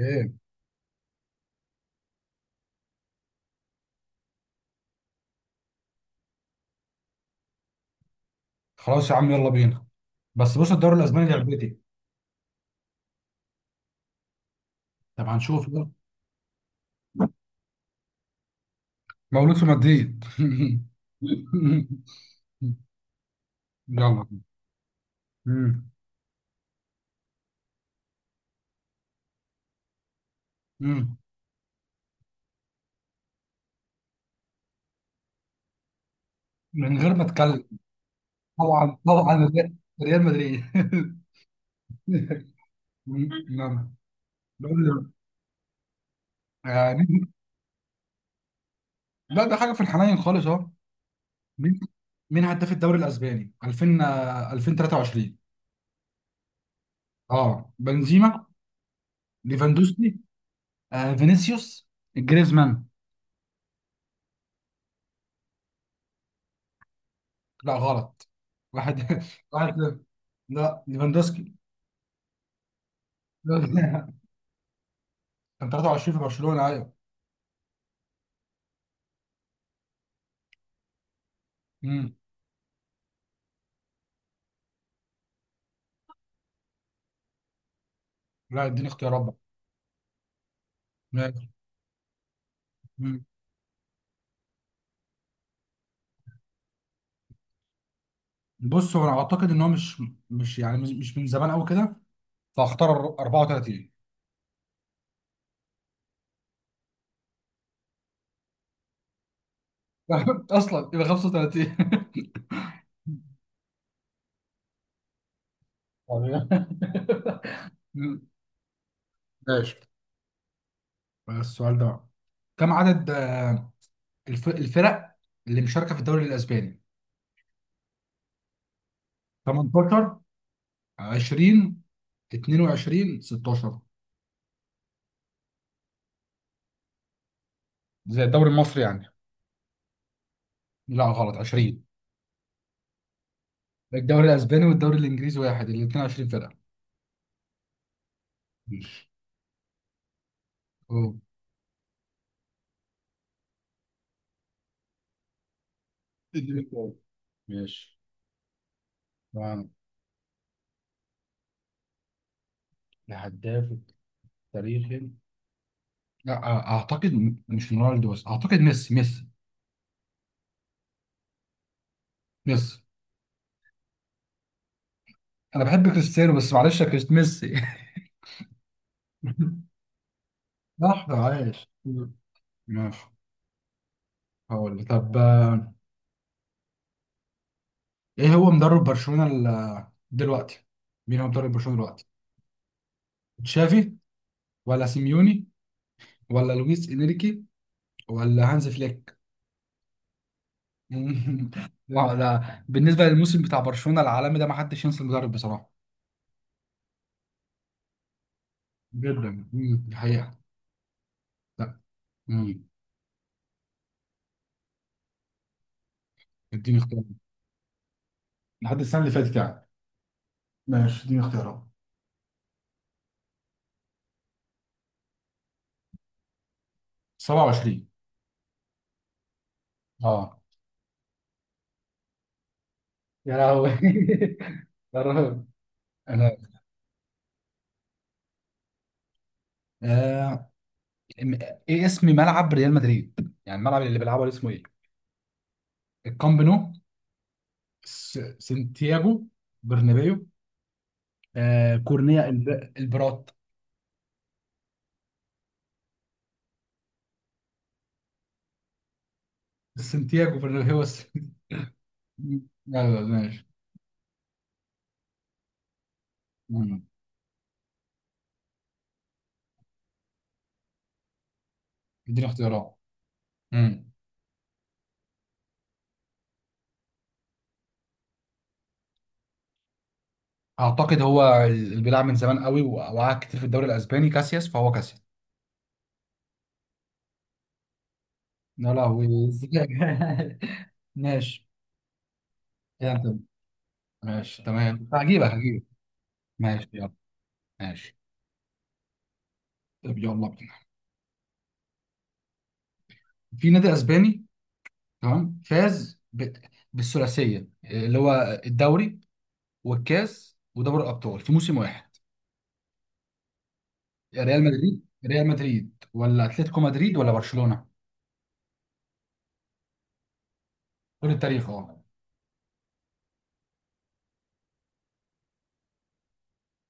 ايه، خلاص يا عم، يلا بينا. بس بص، الدوري الاسباني لعبتي. طب هنشوف بقى. مولود في مدريد. يلا. مم. مم. من غير ما اتكلم، طبعا طبعا، ريال مدريد. نعم. دوري- آه، مين- لا، ده حاجه في الحنين خالص اهو. مين مين هداف الدوري الاسباني 2000 2023؟ اه، بنزيما، ليفاندوسكي، فينيسيوس، جريزمان. لا غلط. واحد واحد صفر. لا، ليفاندوسكي. كان 23 في برشلونة، ايوه. امم لا، اديني اختيارات بقى. ماشي. مم. بص، هو انا اعتقد ان هو مش يعني مش من زمان قوي كده، فاختار 34. اصلا يبقى 35. مم. ماشي، السؤال ده بقى. كم عدد الفرق اللي مشاركة في الدوري الاسباني؟ 18، 20، 22، 16، زي الدوري المصري يعني. لا غلط، 20. الدوري الاسباني والدوري الانجليزي واحد، الاثنين 20 فرقه. ماشي. أوه. اديني سؤال. ماشي، تمام. الهداف التاريخي. لا اعتقد مش رونالدو، بس اعتقد ميسي، ميسي. انا بحب كريستيانو بس معلش يا كريست، ميسي. صح، عايش. ماشي. هقول لك. طب، ايه هو مدرب برشلونة دلوقتي؟ مين هو مدرب برشلونة دلوقتي؟ تشافي، ولا سيميوني، ولا لويس انريكي، ولا هانز فليك. لا لا، بالنسبه للموسم بتاع برشلونه العالمي ده ما حدش ينسى المدرب بصراحه. جدا، دي حقيقة. لا. مم. اديني اختيار. لحد السنة اللي فاتت يعني. ماشي، اديني اختيارات. 27. اه، يا لهوي. يا رب. انا آه... م- ايه اسم ملعب ريال مدريد، يعني الملعب اللي بيلعبه ده اسمه ايه؟ الكامب نو، سانتياغو برنابيو، كورنيا، البرات. سانتياغو برنابيو بس. مم، لا لا. ماشي. اديني اختيارات. امم اعتقد هو اللي بيلعب من زمان قوي وقعد كتير في الدوري الاسباني كاسياس، فهو كاسياس. لا لا، هو. إزاي؟ ماشي. كده انت. ماشي، تمام، هجيبك هجيبك. ماشي، يلا. ماشي. طب يلا بينا. في نادي اسباني تمام فاز بالثلاثيه اللي هو الدوري والكاس ودوري الابطال في موسم واحد. ريال مدريد، ولا اتلتيكو مدريد، ولا برشلونه؟ قول التاريخ، اه.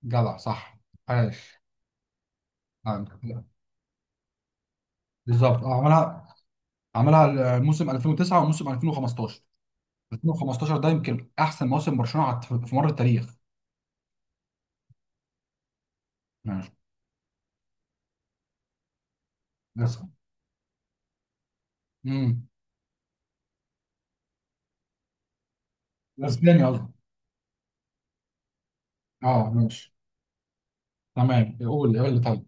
جدع، صح، عاش. بالظبط، اه، عملها موسم 2009 وموسم 2015. ده يمكن احسن موسم برشلونه في مر التاريخ. ماشي بس. امم اسبانيا قصدي. اه، ماشي. تمام، قول لي طيب.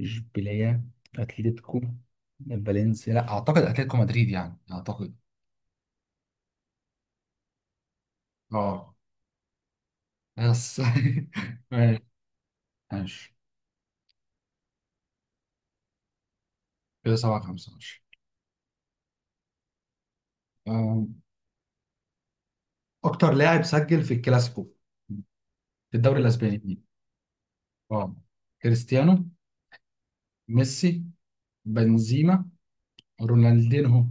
اشبيليه، اتلتيكو، فالنسيا. لا اعتقد اتلتيكو مدريد، يعني اعتقد. اه، بس. ماشي. ماشي كده، 7 5. ماشي. آم، اكتر لاعب سجل في الكلاسيكو في الدوري الاسباني مين؟ اه، كريستيانو، ميسي، بنزيما، رونالدينهو.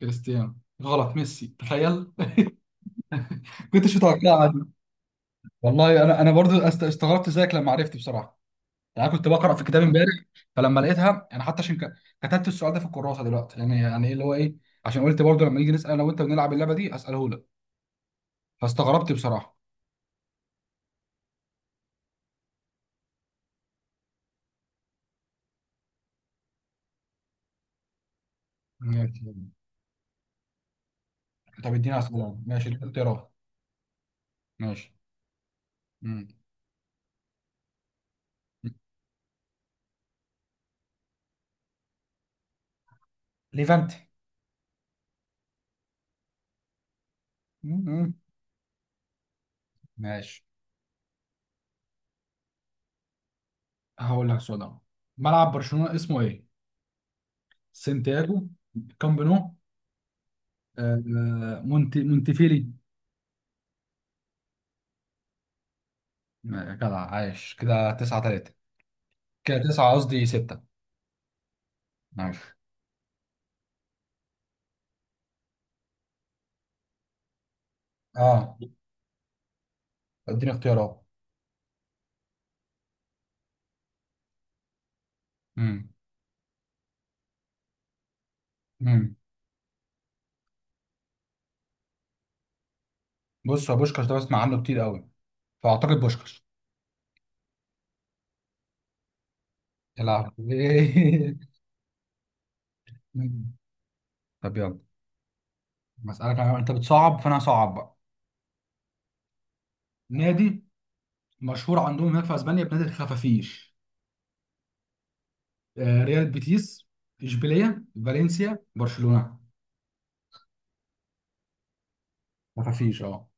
كريستيانو. غلط، ميسي، تخيل. كنتش متوقعها دي. والله انا برضو استغربت زيك لما عرفت بصراحه. يعني أنا كنت بقرا في كتاب امبارح، فلما لقيتها انا حتى عشان كتبت السؤال ده في الكراسه دلوقتي، يعني ايه اللي هو ايه، عشان قلت برضو لما نيجي نسال انا وانت بنلعب اللعبه دي اساله لك. فاستغربت بصراحه. ماشي. طب اديني اسئله. ماشي، اديني اختيارات. ماشي. مم. ليفانتي. مم. ماشي، هقول لك سؤال أهو. ملعب برشلونه اسمه ايه؟ سانتياجو، كامب نو، مونت مونتفيلي. جدع، عايش. كده 9 3. كده 9، قصدي 6. عايش. اه، اديني اختيارات. امم امم بص، هو بوشكاش ده بسمع عنه كتير قوي، فاعتقد بوشكاش. يا لهوي. طب يلا. بسألك انت بتصعب فانا هصعب بقى. نادي مشهور عندهم هناك في اسبانيا بنادي الخفافيش. ريال بيتيس، اشبيليه، فالنسيا، برشلونه. خفافيش، اه.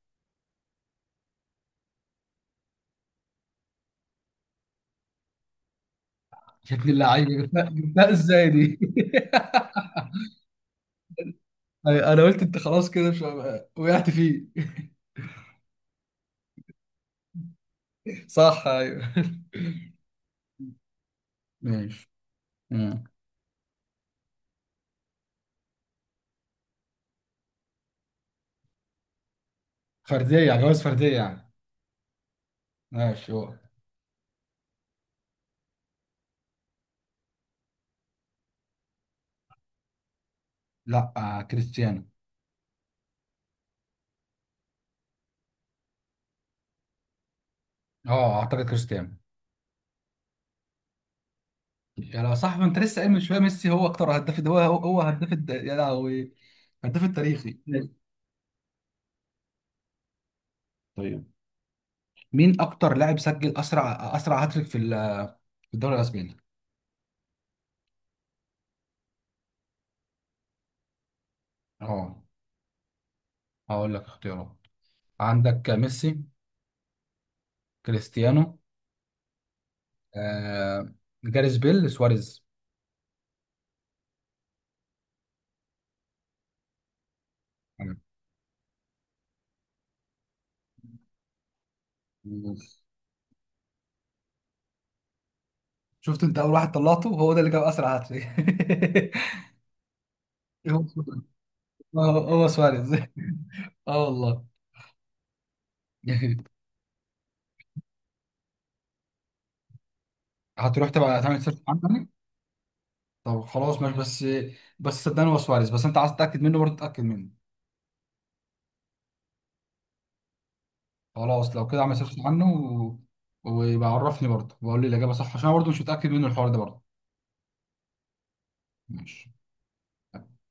شكل اللعيبه جبتها جبتها ازاي دي؟ أيوة، انا قلت انت خلاص كده مش وقعت فيه. صح، ايوه. ماشي. مم. فرديه يعني، جواز فرديه يعني. ماشي، هو. لا، كريستيانو. اه، اعتقد كريستيانو. يا لو صح! ما انت لسه قايل من شويه ميسي هو اكتر هداف، ده هو هداف يا لهوي، هداف التاريخي، ماشي. طيب، مين اكتر لاعب سجل اسرع هاتريك في في الدوري الاسباني؟ اه. هقول لك اختيارات. عندك ميسي، كريستيانو، آه جاريث بيل، سواريز. تمام. شفت؟ انت اول واحد طلعته هو ده اللي جاب اسرع هاتريك. هو هو سواريز. اه والله. هتروح تبقى تعمل سيرش عنه يعني؟ طب خلاص، ماشي. بس صدقني، هو سواريز، بس انت عايز تتاكد منه برضه، اتاكد منه. خلاص، لو كده اعمل سيرش عنه و... ويبقى عرفني برضه وقول لي الاجابه صح، عشان انا برضه مش متاكد منه الحوار ده برضه. ماشي.